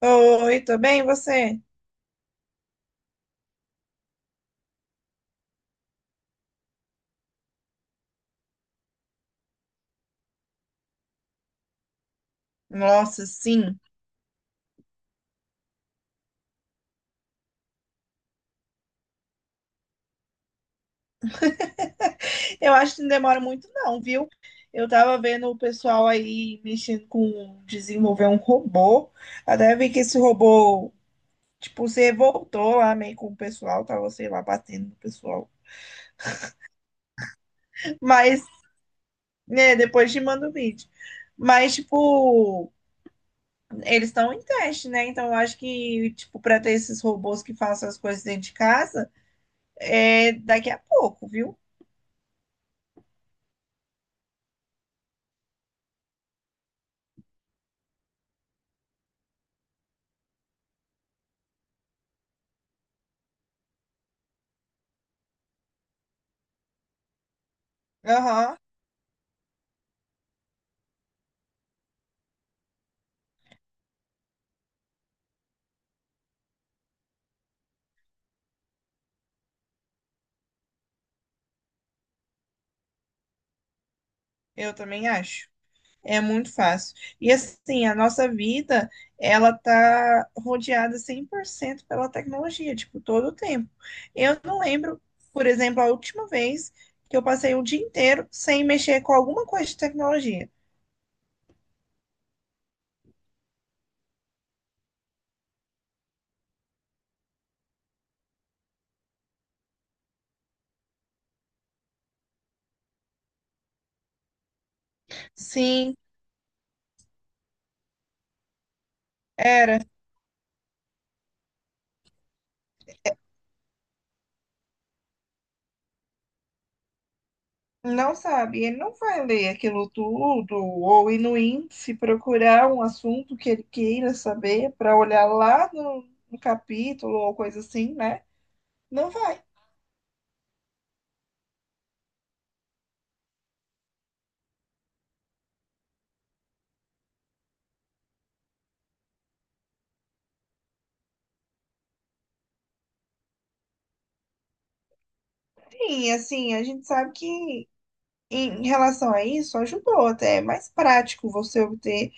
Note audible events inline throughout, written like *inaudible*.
Oi, tudo bem? E você? Nossa, sim. Eu acho que não demora muito não, viu? Eu tava vendo o pessoal aí mexendo com desenvolver um robô. Até vi que esse robô, tipo, se revoltou lá meio com o pessoal, tava, sei lá, batendo no pessoal. Mas, né, depois te mando o vídeo. Mas, tipo, eles estão em teste, né? Então, eu acho que, tipo, pra ter esses robôs que façam as coisas dentro de casa, é daqui a pouco, viu? Aham, eu também acho. É muito fácil. E assim, a nossa vida, ela tá rodeada 100% pela tecnologia, tipo, todo o tempo. Eu não lembro, por exemplo, a última vez que eu passei o dia inteiro sem mexer com alguma coisa de tecnologia. Sim, era. Não sabe, ele não vai ler aquilo tudo, ou ir no índice procurar um assunto que ele queira saber para olhar lá no capítulo ou coisa assim, né? Não vai. Sim, assim, a gente sabe que. Em relação a isso, ajudou até. É mais prático você obter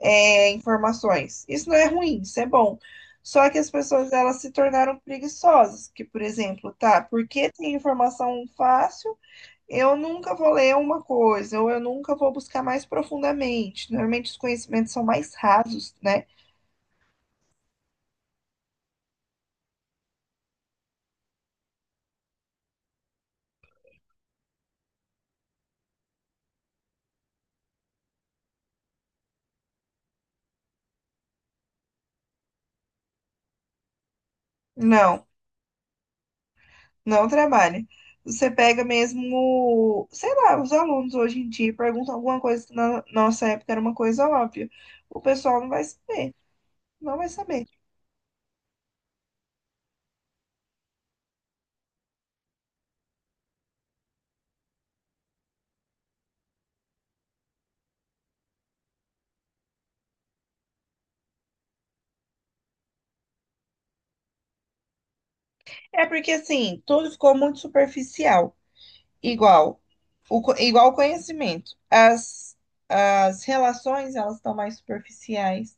informações. Isso não é ruim, isso é bom. Só que as pessoas elas se tornaram preguiçosas. Que, por exemplo, tá, porque tem informação fácil, eu nunca vou ler uma coisa, ou eu nunca vou buscar mais profundamente. Normalmente os conhecimentos são mais rasos, né? Não. Não trabalha. Você pega mesmo, sei lá, os alunos hoje em dia perguntam alguma coisa que na nossa época era uma coisa óbvia. O pessoal não vai saber, não vai saber. É porque assim, tudo ficou muito superficial, igual igual o conhecimento. As relações, elas estão mais superficiais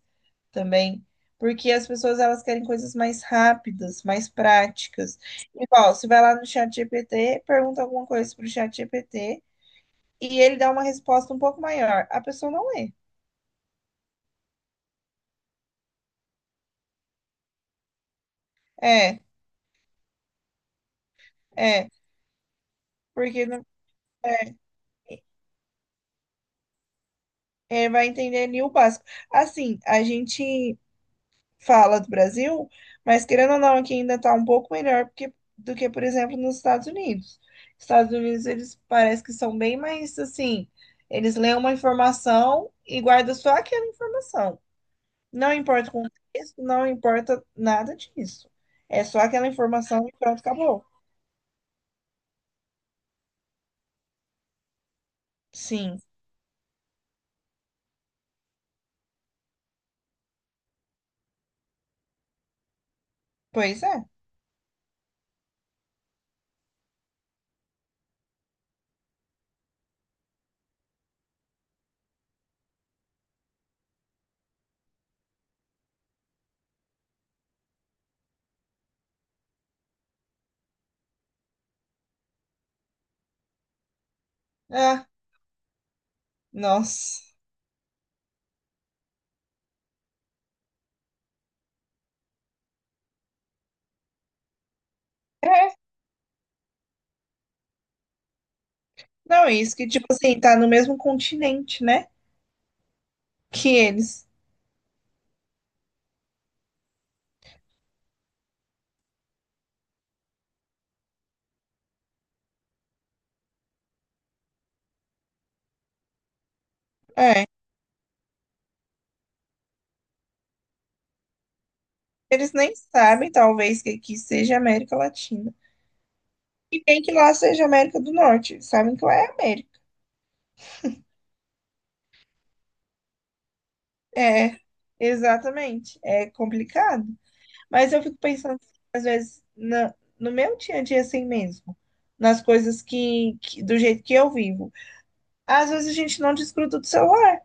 também, porque as pessoas elas querem coisas mais rápidas, mais práticas. Igual, você vai lá no chat GPT, pergunta alguma coisa pro chat GPT e ele dá uma resposta um pouco maior. A pessoa não lê. É, é porque não, é, vai entender ali o básico. Assim, a gente fala do Brasil, mas querendo ou não, aqui ainda está um pouco melhor porque- do que, por exemplo, nos Estados Unidos. Estados Unidos, eles parece que são bem mais assim, eles leem uma informação e guardam só aquela informação. Não importa o contexto, não importa nada disso. É só aquela informação e pronto, acabou. Sim, pois é. É. Nossa. É, não, isso que, tipo assim, tá no mesmo continente, né? Que eles. É, eles nem sabem, talvez, que aqui seja América Latina. E nem que lá seja América do Norte. Eles sabem que lá é América. É, exatamente. É complicado. Mas eu fico pensando, às vezes, na, no meu dia a dia assim mesmo. Nas coisas do jeito que eu vivo. Às vezes a gente não desgruda do celular.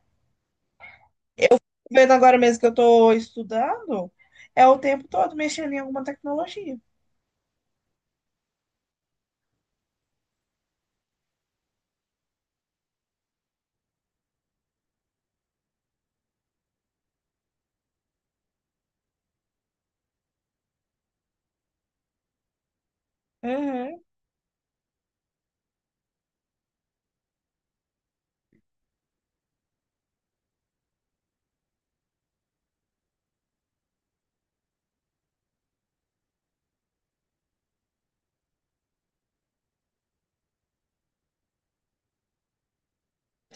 Vendo agora mesmo que eu estou estudando, é o tempo todo mexendo em alguma tecnologia. Uhum,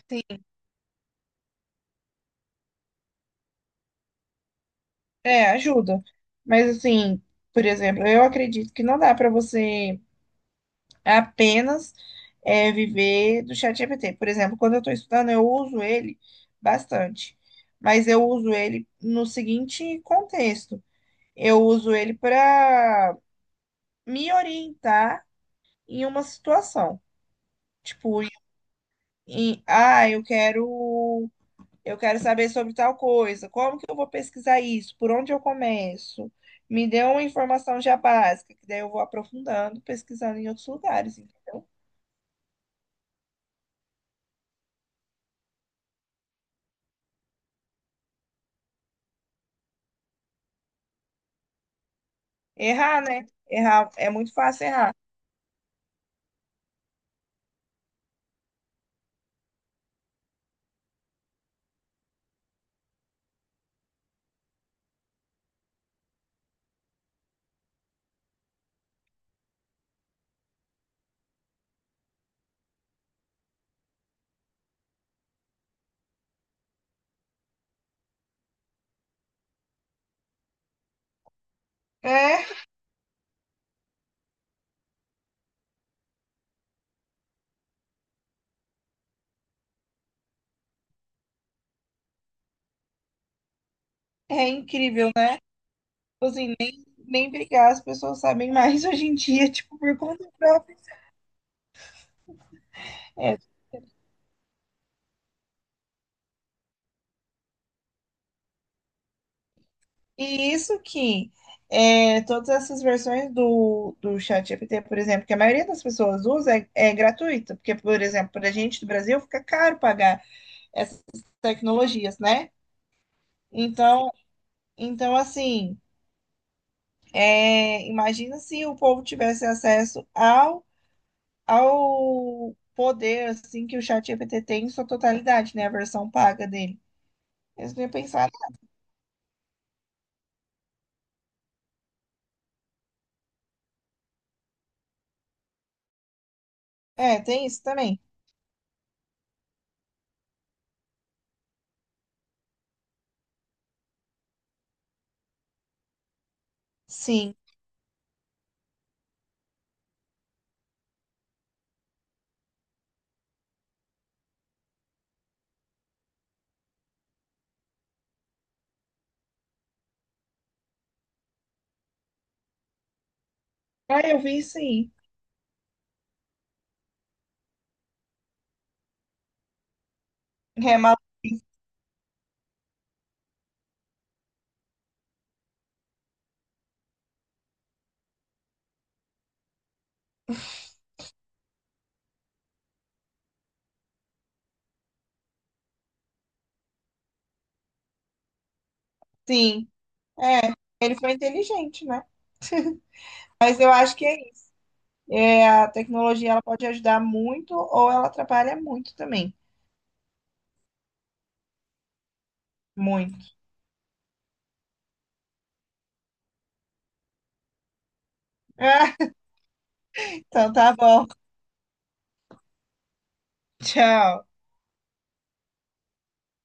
sim. É, ajuda. Mas assim, por exemplo, eu acredito que não dá para você apenas viver do chat GPT. Por exemplo, quando eu estou estudando, eu uso ele bastante. Mas eu uso ele no seguinte contexto. Eu uso ele para me orientar em uma situação. Tipo, em, ah, eu quero Eu quero saber sobre tal coisa. Como que eu vou pesquisar isso? Por onde eu começo? Me dê uma informação já básica, que daí eu vou aprofundando, pesquisando em outros lugares, entendeu? Errar, né? Errar é muito fácil errar. É, é incrível, né? Tipo assim, nem brigar, as pessoas sabem *laughs* mais hoje em dia, tipo, por conta própria. É. E isso que é, todas essas versões do ChatGPT, por exemplo, que a maioria das pessoas usa, é gratuita, porque, por exemplo, para a gente do Brasil fica caro pagar essas tecnologias, né? Então, então assim, é, imagina se o povo tivesse acesso ao poder assim que o ChatGPT tem em sua totalidade, né? A versão paga dele. Eles não iam pensar. É, tem isso também. Sim. Ah, eu vi sim. É, sim. É, ele foi inteligente, né? Mas eu acho que é, isso. É, a tecnologia ela pode ajudar muito ou ela atrapalha muito também. Muito. *laughs* Ah, então tá bom. Tchau.